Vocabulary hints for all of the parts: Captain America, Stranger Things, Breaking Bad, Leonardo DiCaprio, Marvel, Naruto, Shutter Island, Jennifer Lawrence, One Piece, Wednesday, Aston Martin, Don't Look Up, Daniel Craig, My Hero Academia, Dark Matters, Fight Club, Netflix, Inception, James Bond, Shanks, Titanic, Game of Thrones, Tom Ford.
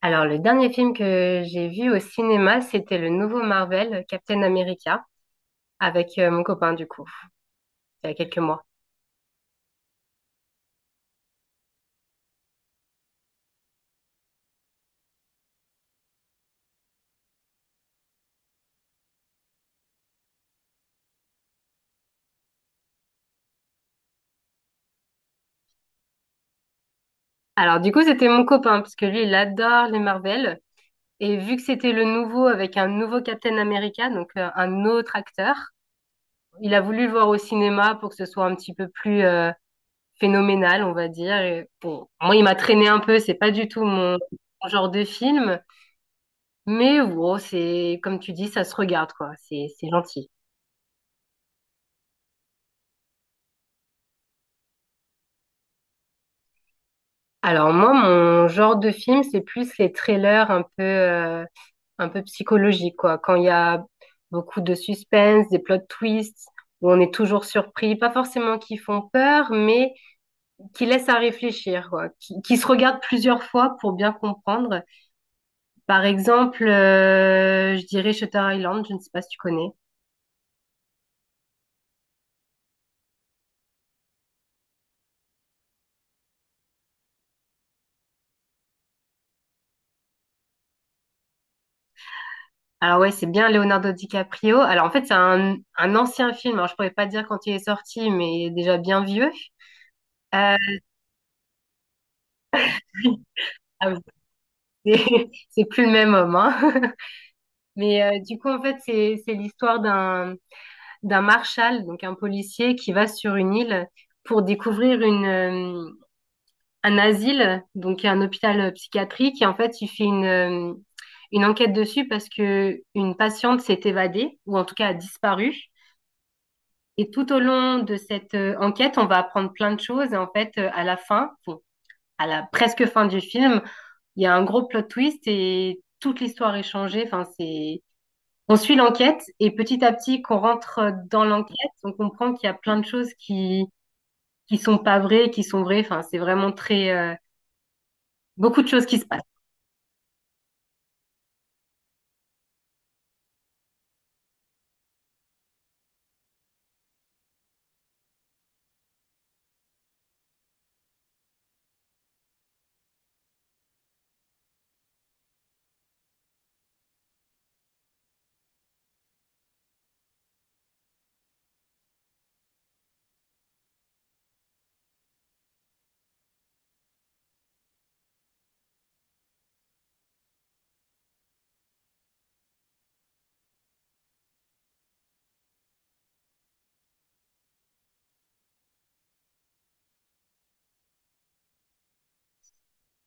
Alors, le dernier film que j'ai vu au cinéma, c'était le nouveau Marvel, Captain America, avec mon copain, du coup, il y a quelques mois. Alors, du coup, c'était mon copain, parce que lui, il adore les Marvel. Et vu que c'était le nouveau, avec un nouveau Captain America, donc un autre acteur, il a voulu le voir au cinéma pour que ce soit un petit peu plus phénoménal, on va dire. Et bon, moi, il m'a traîné un peu, c'est pas du tout mon genre de film. Mais bon, c'est, comme tu dis, ça se regarde, quoi. C'est gentil. Alors moi, mon genre de film, c'est plus les trailers un peu psychologiques, quoi. Quand il y a beaucoup de suspense, des plot twists, où on est toujours surpris, pas forcément qui font peur, mais qui laissent à réfléchir, quoi. Qui se regardent plusieurs fois pour bien comprendre. Par exemple, je dirais Shutter Island, je ne sais pas si tu connais. Alors ouais, c'est bien Leonardo DiCaprio. Alors en fait, c'est un ancien film. Alors je pourrais pas dire quand il est sorti, mais il est déjà bien vieux. Euh, C'est c'est plus le même homme, hein. Mais du coup, en fait, c'est l'histoire d'un marshal, donc un policier qui va sur une île pour découvrir une un asile, donc un hôpital psychiatrique. Et en fait, il fait une enquête dessus parce que une patiente s'est évadée ou en tout cas a disparu. Et tout au long de cette enquête, on va apprendre plein de choses. Et en fait, à la fin, bon, à la presque fin du film, il y a un gros plot twist et toute l'histoire est changée. Enfin, c'est On suit l'enquête et petit à petit qu'on rentre dans l'enquête, on comprend qu'il y a plein de choses qui sont pas vraies, qui sont vraies. Enfin, c'est vraiment très beaucoup de choses qui se passent.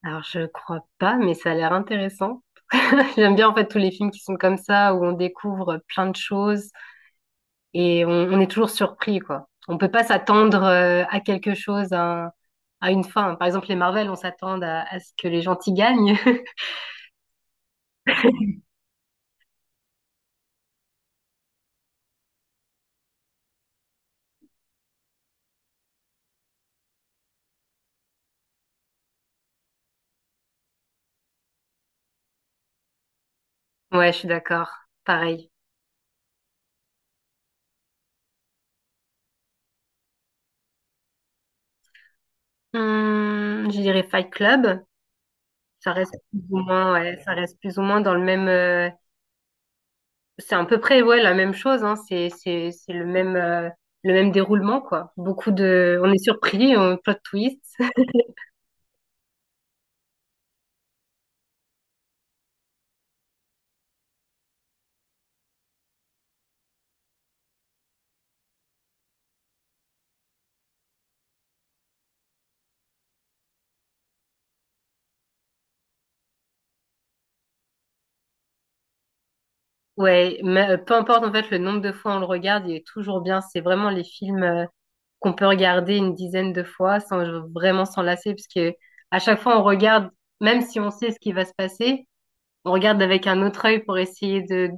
Alors je crois pas, mais ça a l'air intéressant. J'aime bien en fait tous les films qui sont comme ça où on découvre plein de choses et on est toujours surpris, quoi. On peut pas s'attendre à quelque chose, à une fin. Par exemple les Marvel, on s'attend à ce que les gentils gagnent. Ouais, je suis d'accord. Pareil. Je dirais Fight Club. Ça reste plus ou moins, ouais, ça reste plus ou moins dans le même. C'est à peu près, ouais, la même chose, hein. C'est le même, déroulement, quoi. Beaucoup de. On est surpris, on plot twist. Ouais, mais peu importe en fait le nombre de fois on le regarde, il est toujours bien. C'est vraiment les films qu'on peut regarder une dizaine de fois sans vraiment s'en lasser, parce que à chaque fois on regarde, même si on sait ce qui va se passer, on regarde avec un autre œil pour essayer de,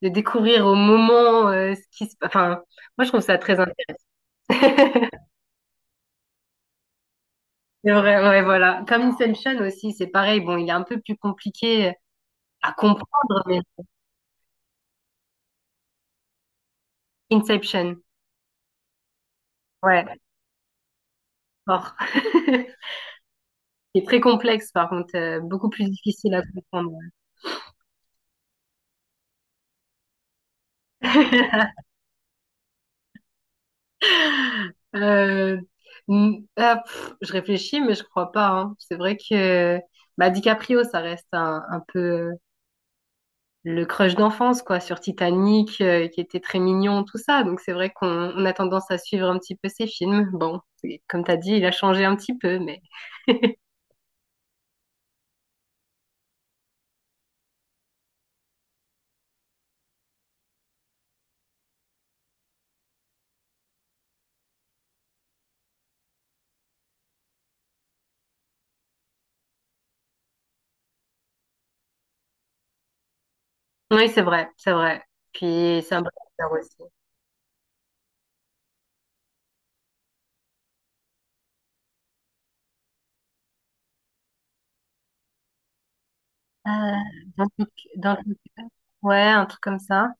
de découvrir au moment ce qui se. Enfin, moi je trouve ça très intéressant. C'est vrai, ouais, voilà. Comme Inception aussi, c'est pareil. Bon, il est un peu plus compliqué à comprendre, mais Inception, ouais, fort. C'est très complexe, par contre, beaucoup plus difficile à comprendre. Euh, ah, pff, je réfléchis, mais je crois pas, hein. C'est vrai que bah, DiCaprio, ça reste un peu le crush d'enfance, quoi, sur Titanic, qui était très mignon, tout ça. Donc c'est vrai qu'on a tendance à suivre un petit peu ses films. Bon, comme t'as dit, il a changé un petit peu, mais. Oui, c'est vrai, c'est vrai. Puis c'est un peu cher aussi. Euh, dans le- dans le- ouais, un truc comme ça.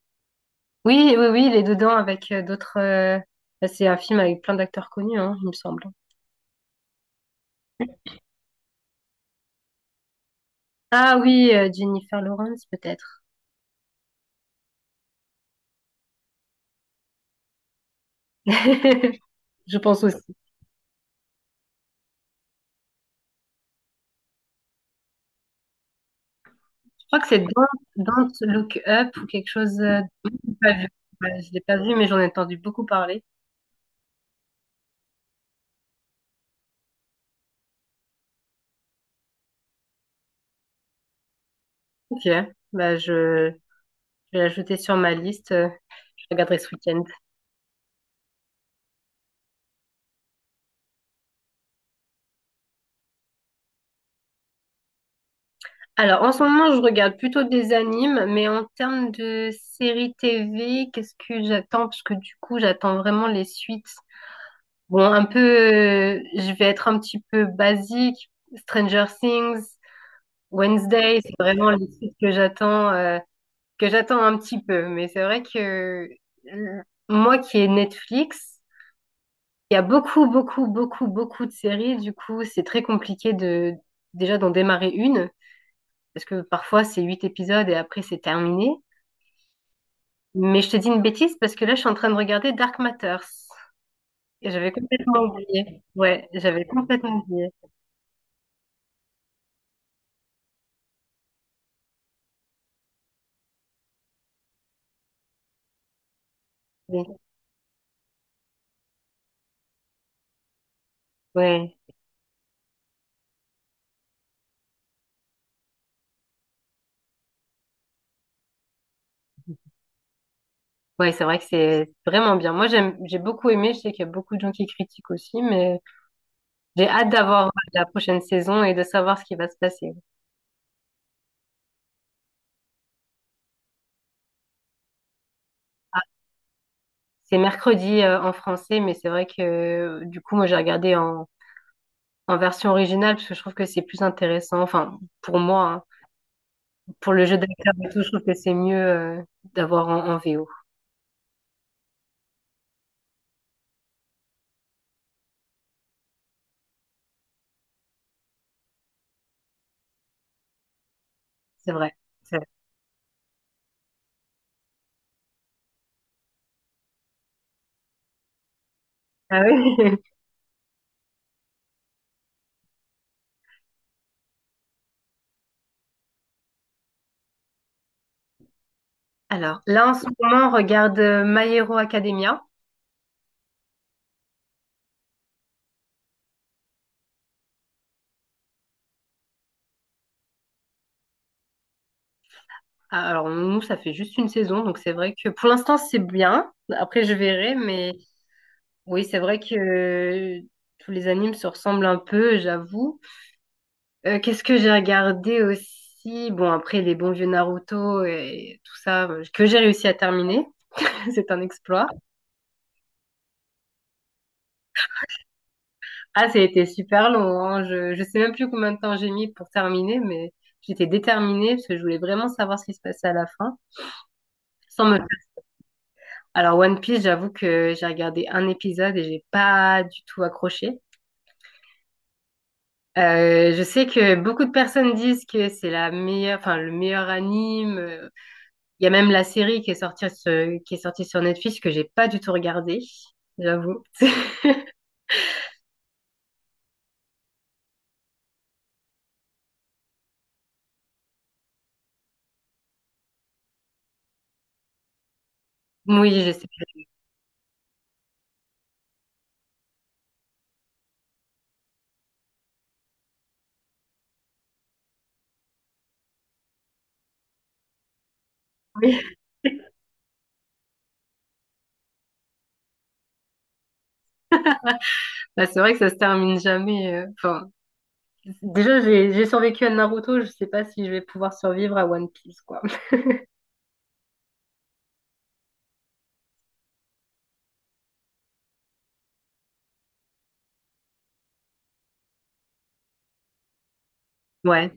Oui, oui, oui, il est dedans avec d'autres. Bah, c'est un film avec plein d'acteurs connus, hein, il me semble. Ah oui, Jennifer Lawrence, peut-être. Je pense aussi. Je crois que c'est Don't Look Up ou quelque chose. J'ai pas vu. Ouais, je l'ai pas vu, mais j'en ai entendu beaucoup parler. Ok, bah, je vais l'ajouter sur ma liste. Je regarderai ce week-end. Alors, en ce moment, je regarde plutôt des animes, mais en termes de séries TV, qu'est-ce que j'attends? Parce que du coup, j'attends vraiment les suites. Bon, je vais être un petit peu basique. Stranger Things, Wednesday, c'est vraiment les suites que j'attends un petit peu. Mais c'est vrai que euh, moi qui ai Netflix, il y a beaucoup, beaucoup, beaucoup, beaucoup de séries. Du coup, c'est très compliqué de déjà d'en démarrer une parce que parfois c'est huit épisodes et après c'est terminé. Mais je te dis une bêtise parce que là je suis en train de regarder Dark Matters et j'avais complètement oublié. Ouais, j'avais complètement oublié. Oui. Ouais, ouais, c'est vrai que c'est vraiment bien. Moi j'ai beaucoup aimé. Je sais qu'il y a beaucoup de gens qui critiquent aussi, mais j'ai hâte d'avoir la prochaine saison et de savoir ce qui va se passer. C'est mercredi en français, mais c'est vrai que du coup moi j'ai regardé en version originale parce que je trouve que c'est plus intéressant. Enfin, pour moi, hein. Pour le jeu d'acteur et tout, je trouve que c'est mieux d'avoir en, VO. C'est vrai. C'est vrai. Ah oui. Alors, là, en ce moment, on regarde My Hero Academia. Ah, alors, nous, ça fait juste une saison, donc c'est vrai que pour l'instant, c'est bien. Après, je verrai, mais oui, c'est vrai que tous les animes se ressemblent un peu, j'avoue. Qu'est-ce que j'ai regardé aussi? Bon, après, les bons vieux Naruto et tout ça, que j'ai réussi à terminer, c'est un exploit. Ah, ça a été super long, hein. Je sais même plus combien de temps j'ai mis pour terminer, mais j'étais déterminée parce que je voulais vraiment savoir ce qui se passait à la fin, sans me faire. Alors, One Piece, j'avoue que j'ai regardé un épisode et j'ai pas du tout accroché. Je sais que beaucoup de personnes disent que c'est la meilleure, enfin, le meilleur anime. Il y a même la série qui est sortie, qui est sortie sur Netflix que j'ai pas du tout regardée, j'avoue. Oui, je sais. Oui. Bah, c'est vrai que ça se termine jamais. Enfin, déjà, j'ai survécu à Naruto, je sais pas si je vais pouvoir survivre à One Piece, quoi. Ouais.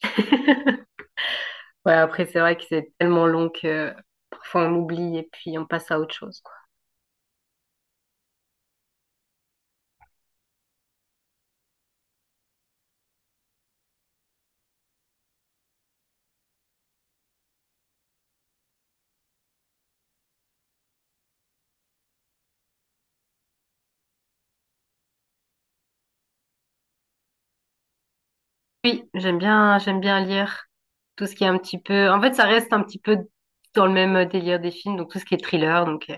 Ouais, après, c'est vrai que c'est tellement long que parfois on oublie et puis on passe à autre chose, quoi. Oui, j'aime bien lire tout ce qui est un petit peu. En fait, ça reste un petit peu dans le même délire des films, donc tout ce qui est thriller. Donc,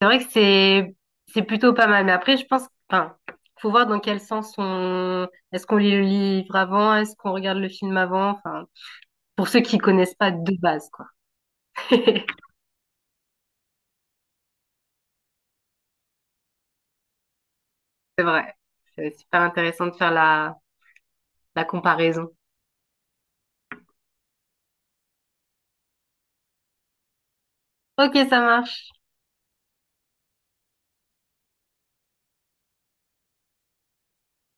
c'est vrai que c'est plutôt pas mal. Mais après, je pense, enfin, faut voir dans quel sens on. Est-ce qu'on lit le livre avant? Est-ce qu'on regarde le film avant? Enfin, pour ceux qui connaissent pas de base, quoi. C'est vrai. C'est super intéressant de faire la comparaison. Ok, ça marche.